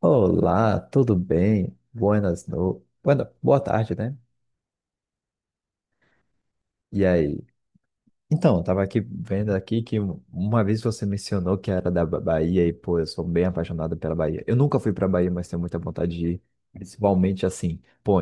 Olá, tudo bem? Buenas no... Buena... Boa tarde, né? E aí? Então, eu tava aqui vendo aqui que uma vez você mencionou que era da Bahia e, pô, eu sou bem apaixonado pela Bahia. Eu nunca fui pra Bahia, mas tenho muita vontade de ir. Principalmente assim, pô.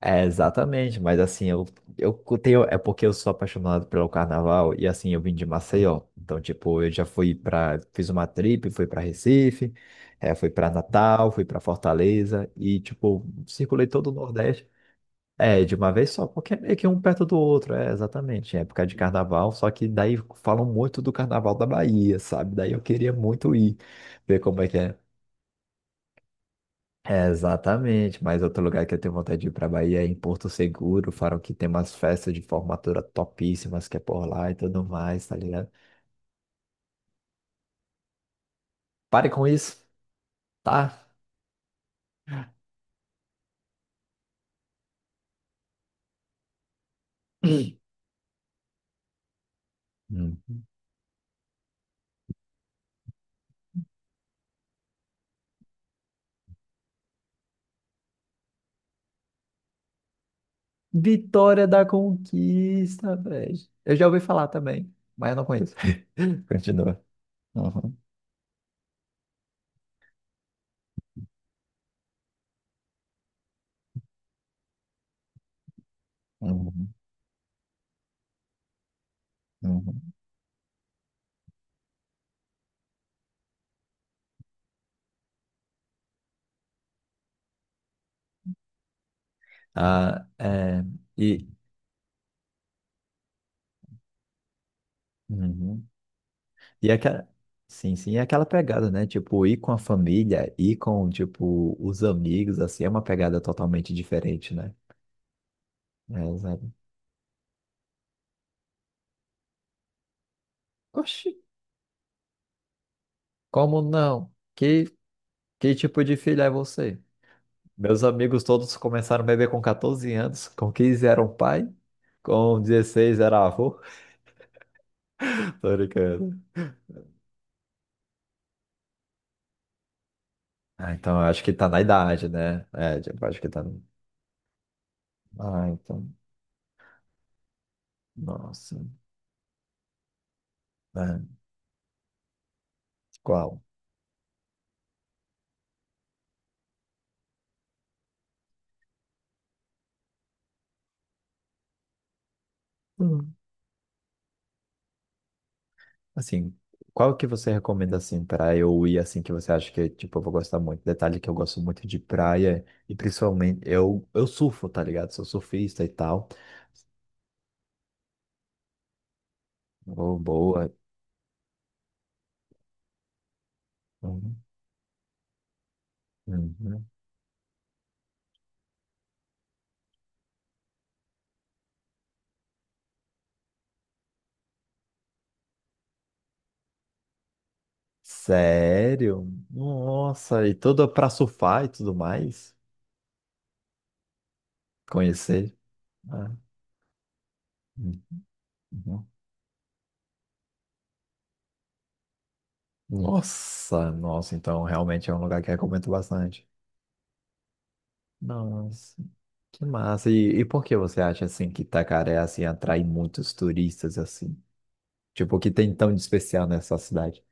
É, exatamente, mas assim, eu tenho, é porque eu sou apaixonado pelo carnaval e assim, eu vim de Maceió, então tipo, eu já fiz uma trip, fui pra Recife, é, fui pra Natal, fui pra Fortaleza e tipo, circulei todo o Nordeste, é, de uma vez só, porque é meio que um perto do outro, é, exatamente, em época de carnaval, só que daí falam muito do carnaval da Bahia, sabe, daí eu queria muito ir, ver como é que é. É, exatamente, mas outro lugar que eu tenho vontade de ir para Bahia é em Porto Seguro, falam que tem umas festas de formatura topíssimas que é por lá e tudo mais, tá ligado? Pare com isso, tá? Hum. Vitória da Conquista, velho. Eu já ouvi falar também, mas eu não conheço. Continua. Uhum, uhum, uhum. Ah, é, e, uhum. E é aquela... Sim, sim, é aquela pegada, né? Tipo, ir com a família, ir com, tipo, os amigos, assim, é uma pegada totalmente diferente, né? É, exato. Oxi, como não? Que tipo de filho é você? Meus amigos todos começaram a beber com 14 anos, com 15 eram pai, com 16 era avô. Tô brincando. Ah, então, eu acho que tá na idade, né? É, tipo, acho que tá Ah, então. Nossa. É, qual? Assim, qual que você recomenda, assim, para eu ir, assim, que você acha que, tipo, eu vou gostar muito? Detalhe que eu gosto muito de praia e principalmente, eu surfo, tá ligado? Sou surfista e tal. Oh, boa. Uhum, uhum. Sério? Nossa, e tudo pra surfar e tudo mais? Conhecer? Ah, uhum. Nossa, nossa, então realmente é um lugar que eu recomendo bastante. Nossa, que massa. E por que você acha assim que Itacaré assim atrai muitos turistas assim? Tipo, o que tem tão de especial nessa cidade?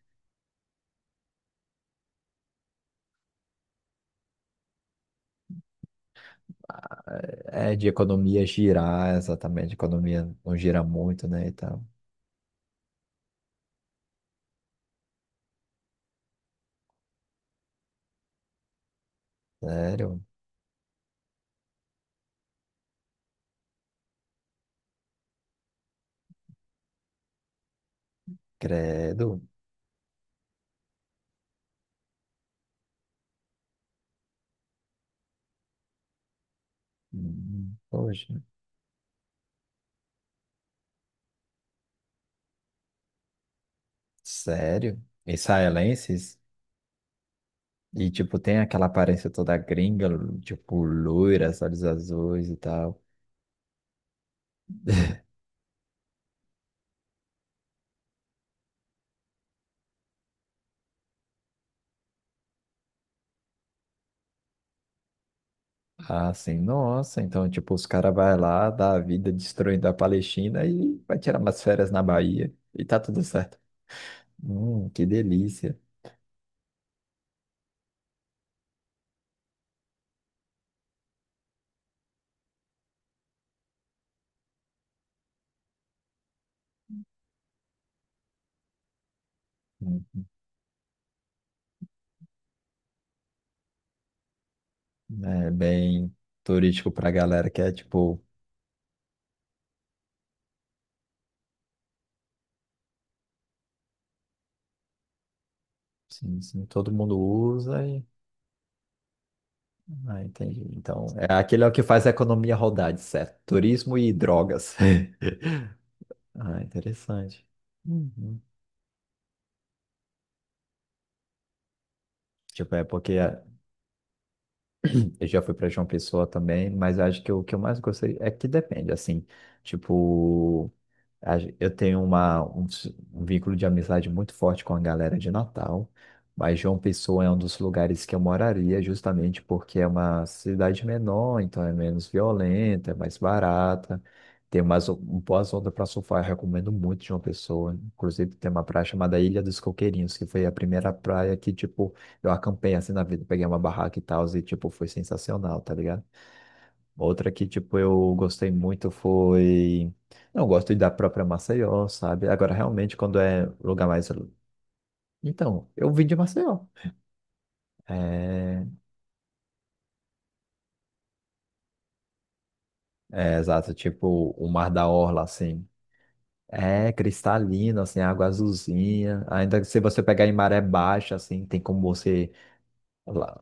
É de economia girar, exatamente. A economia não gira muito, né, e tal. Sério? Credo? Poxa, sério? Israelenses? E, tipo, tem aquela aparência toda gringa, tipo, loiras, olhos azuis e tal. Ah, sim. Nossa, então, tipo, os caras vai lá, dá a vida destruindo a Palestina e vai tirar umas férias na Bahia. E tá tudo certo. Que delícia. Hum, É bem turístico pra galera que é, tipo, sim, sim, todo mundo usa e... Ah, entendi. Então, é aquele é o que faz a economia rodar, de certo. Turismo e drogas. Ah, interessante. Uhum. Tipo, é porque é, eu já fui para João Pessoa também, mas acho que o que eu mais gostei é que depende, assim, tipo... Eu tenho um vínculo de amizade muito forte com a galera de Natal, mas João Pessoa é um dos lugares que eu moraria, justamente porque é uma cidade menor, então é menos violenta, é mais barata, tem umas boas ondas para surfar. Eu recomendo muito João Pessoa. Inclusive, tem uma praia chamada Ilha dos Coqueirinhos, que foi a primeira praia que, tipo, eu acampei assim na vida, peguei uma barraca e tal, e, tipo, foi sensacional, tá ligado? Outra que, tipo, eu gostei muito foi. Não, eu gosto da própria Maceió, sabe? Agora, realmente, quando é lugar mais. Então, eu vim de Maceió. É, é exato, tipo, o Mar da Orla, assim. É cristalino, assim, água azulzinha. Ainda que se você pegar em maré baixa, assim, tem como você. lá-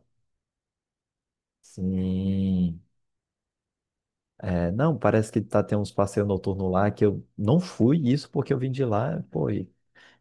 Sim. É, não, parece que tá, tem uns passeios noturnos lá que eu não fui isso porque eu vim de lá, pô, e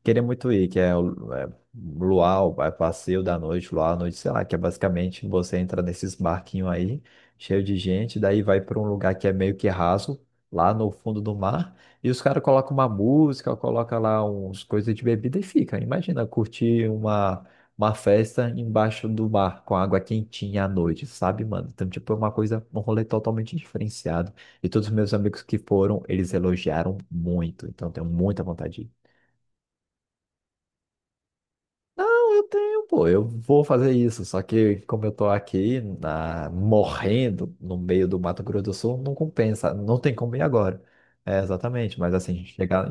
queria muito ir, que é o é, Luau, vai passeio da noite, Luau à noite, sei lá, que é basicamente você entra nesses barquinhos aí, cheio de gente, daí vai para um lugar que é meio que raso, lá no fundo do mar, e os caras colocam uma música, colocam lá uns coisas de bebida e fica. Imagina curtir uma festa embaixo do mar, com água quentinha à noite, sabe, mano? Então, tipo, é uma coisa, um rolê totalmente diferenciado. E todos os meus amigos que foram, eles elogiaram muito, então tenho muita vontade de ir. Não, eu tenho, pô, eu vou fazer isso. Só que como eu tô aqui na, morrendo no meio do Mato Grosso do Sul, não compensa, não tem como ir agora. É, exatamente, mas assim, chegar,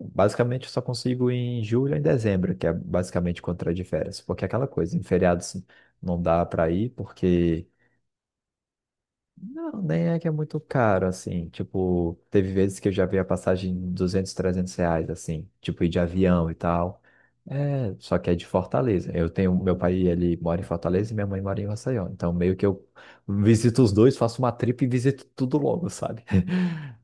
basicamente eu só consigo ir em julho ou em dezembro, que é basicamente quando eu tô de férias, porque é aquela coisa, em feriados não dá para ir porque não, nem é que é muito caro, assim. Tipo, teve vezes que eu já vi a passagem em 200, 300 reais, assim. Tipo, ir de avião e tal. É, só que é de Fortaleza. Eu tenho, meu pai, ele mora em Fortaleza e minha mãe mora em Maceió. Então, meio que eu visito os dois, faço uma trip e visito tudo logo, sabe?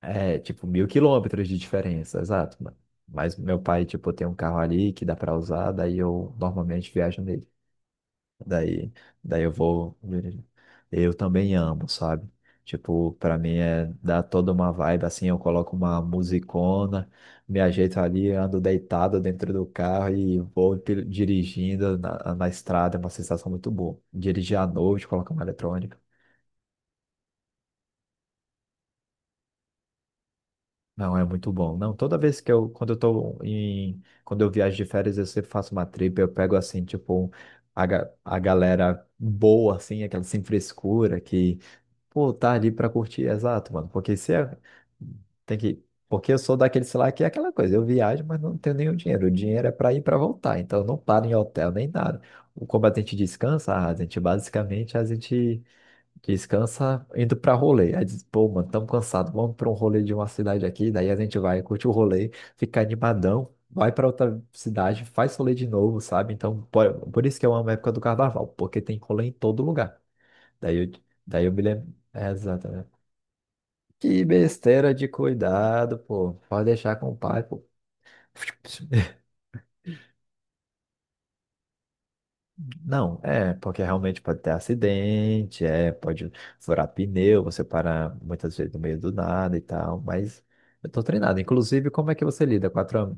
É, tipo, 1.000 quilômetros de diferença, exato, mano. Mas meu pai, tipo, tem um carro ali que dá pra usar, daí eu normalmente viajo nele. Daí, daí eu vou. Eu também amo, sabe? Tipo, pra mim é dar toda uma vibe assim, eu coloco uma musicona, me ajeito ali, ando deitado dentro do carro e vou dirigindo na estrada, é uma sensação muito boa. Dirigir à noite, colocar uma eletrônica. Não, é muito bom. Não, toda vez que eu, quando eu tô em, quando eu viajo de férias, eu sempre faço uma trip, eu pego assim, tipo, a galera boa, assim, aquela sem frescura, que pô, tá ali pra curtir, exato, mano. Porque se é... tem que. Porque eu sou daquele, sei lá, que é aquela coisa, eu viajo, mas não tenho nenhum dinheiro. O dinheiro é pra ir e pra voltar, então eu não paro em hotel nem nada. O combatente descansa, a gente descansa indo pra rolê. Aí diz, pô, mano, tamo cansado, vamos pra um rolê de uma cidade aqui, daí a gente vai, curte o rolê, fica animadão, vai pra outra cidade, faz rolê de novo, sabe? Então, por isso que eu amo a época do carnaval, porque tem rolê em todo lugar. Daí eu, daí eu me lembro. É, exato, né? Que besteira de cuidado, pô. Pode deixar com o pai, pô. Não, é, porque realmente pode ter acidente, é, pode furar pneu, você para muitas vezes no meio do nada e tal, mas eu tô treinado. Inclusive, como é que você lida? Quatro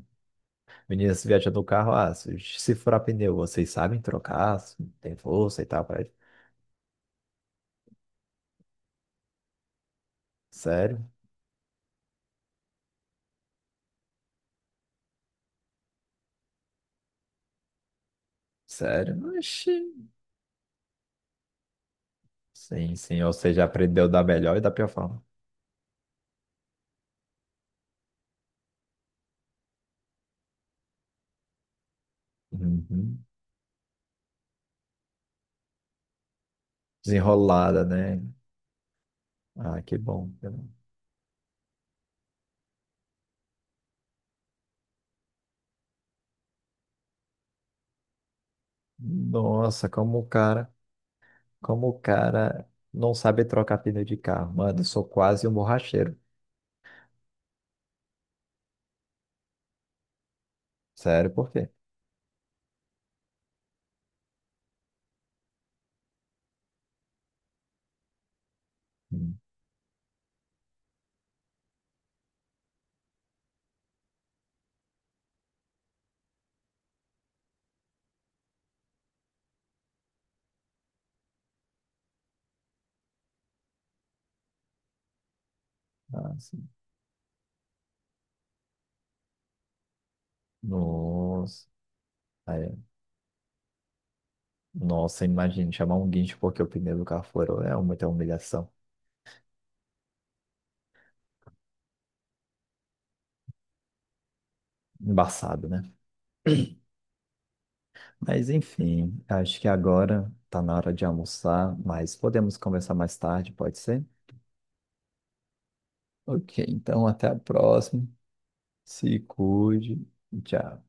meninas viajando no carro, ah, se furar pneu, vocês sabem trocar, se tem força e tal, pra... Sério? Sério? Oxi. Sim, sim, ou seja, aprendeu da melhor e da pior forma. Uhum. Desenrolada, né? Ah, que bom. Nossa, como o cara não sabe trocar pneu de carro. Mano, eu sou quase um borracheiro. Sério, por quê? Hum, Ah, sim. Nossa. Aí, nossa, imagina chamar um guincho porque o pneu do carro furou. É muita humilhação. Embaçado, né? Mas enfim, acho que agora tá na hora de almoçar, mas podemos conversar mais tarde, pode ser? Ok, então até a próxima. Se cuide. Tchau.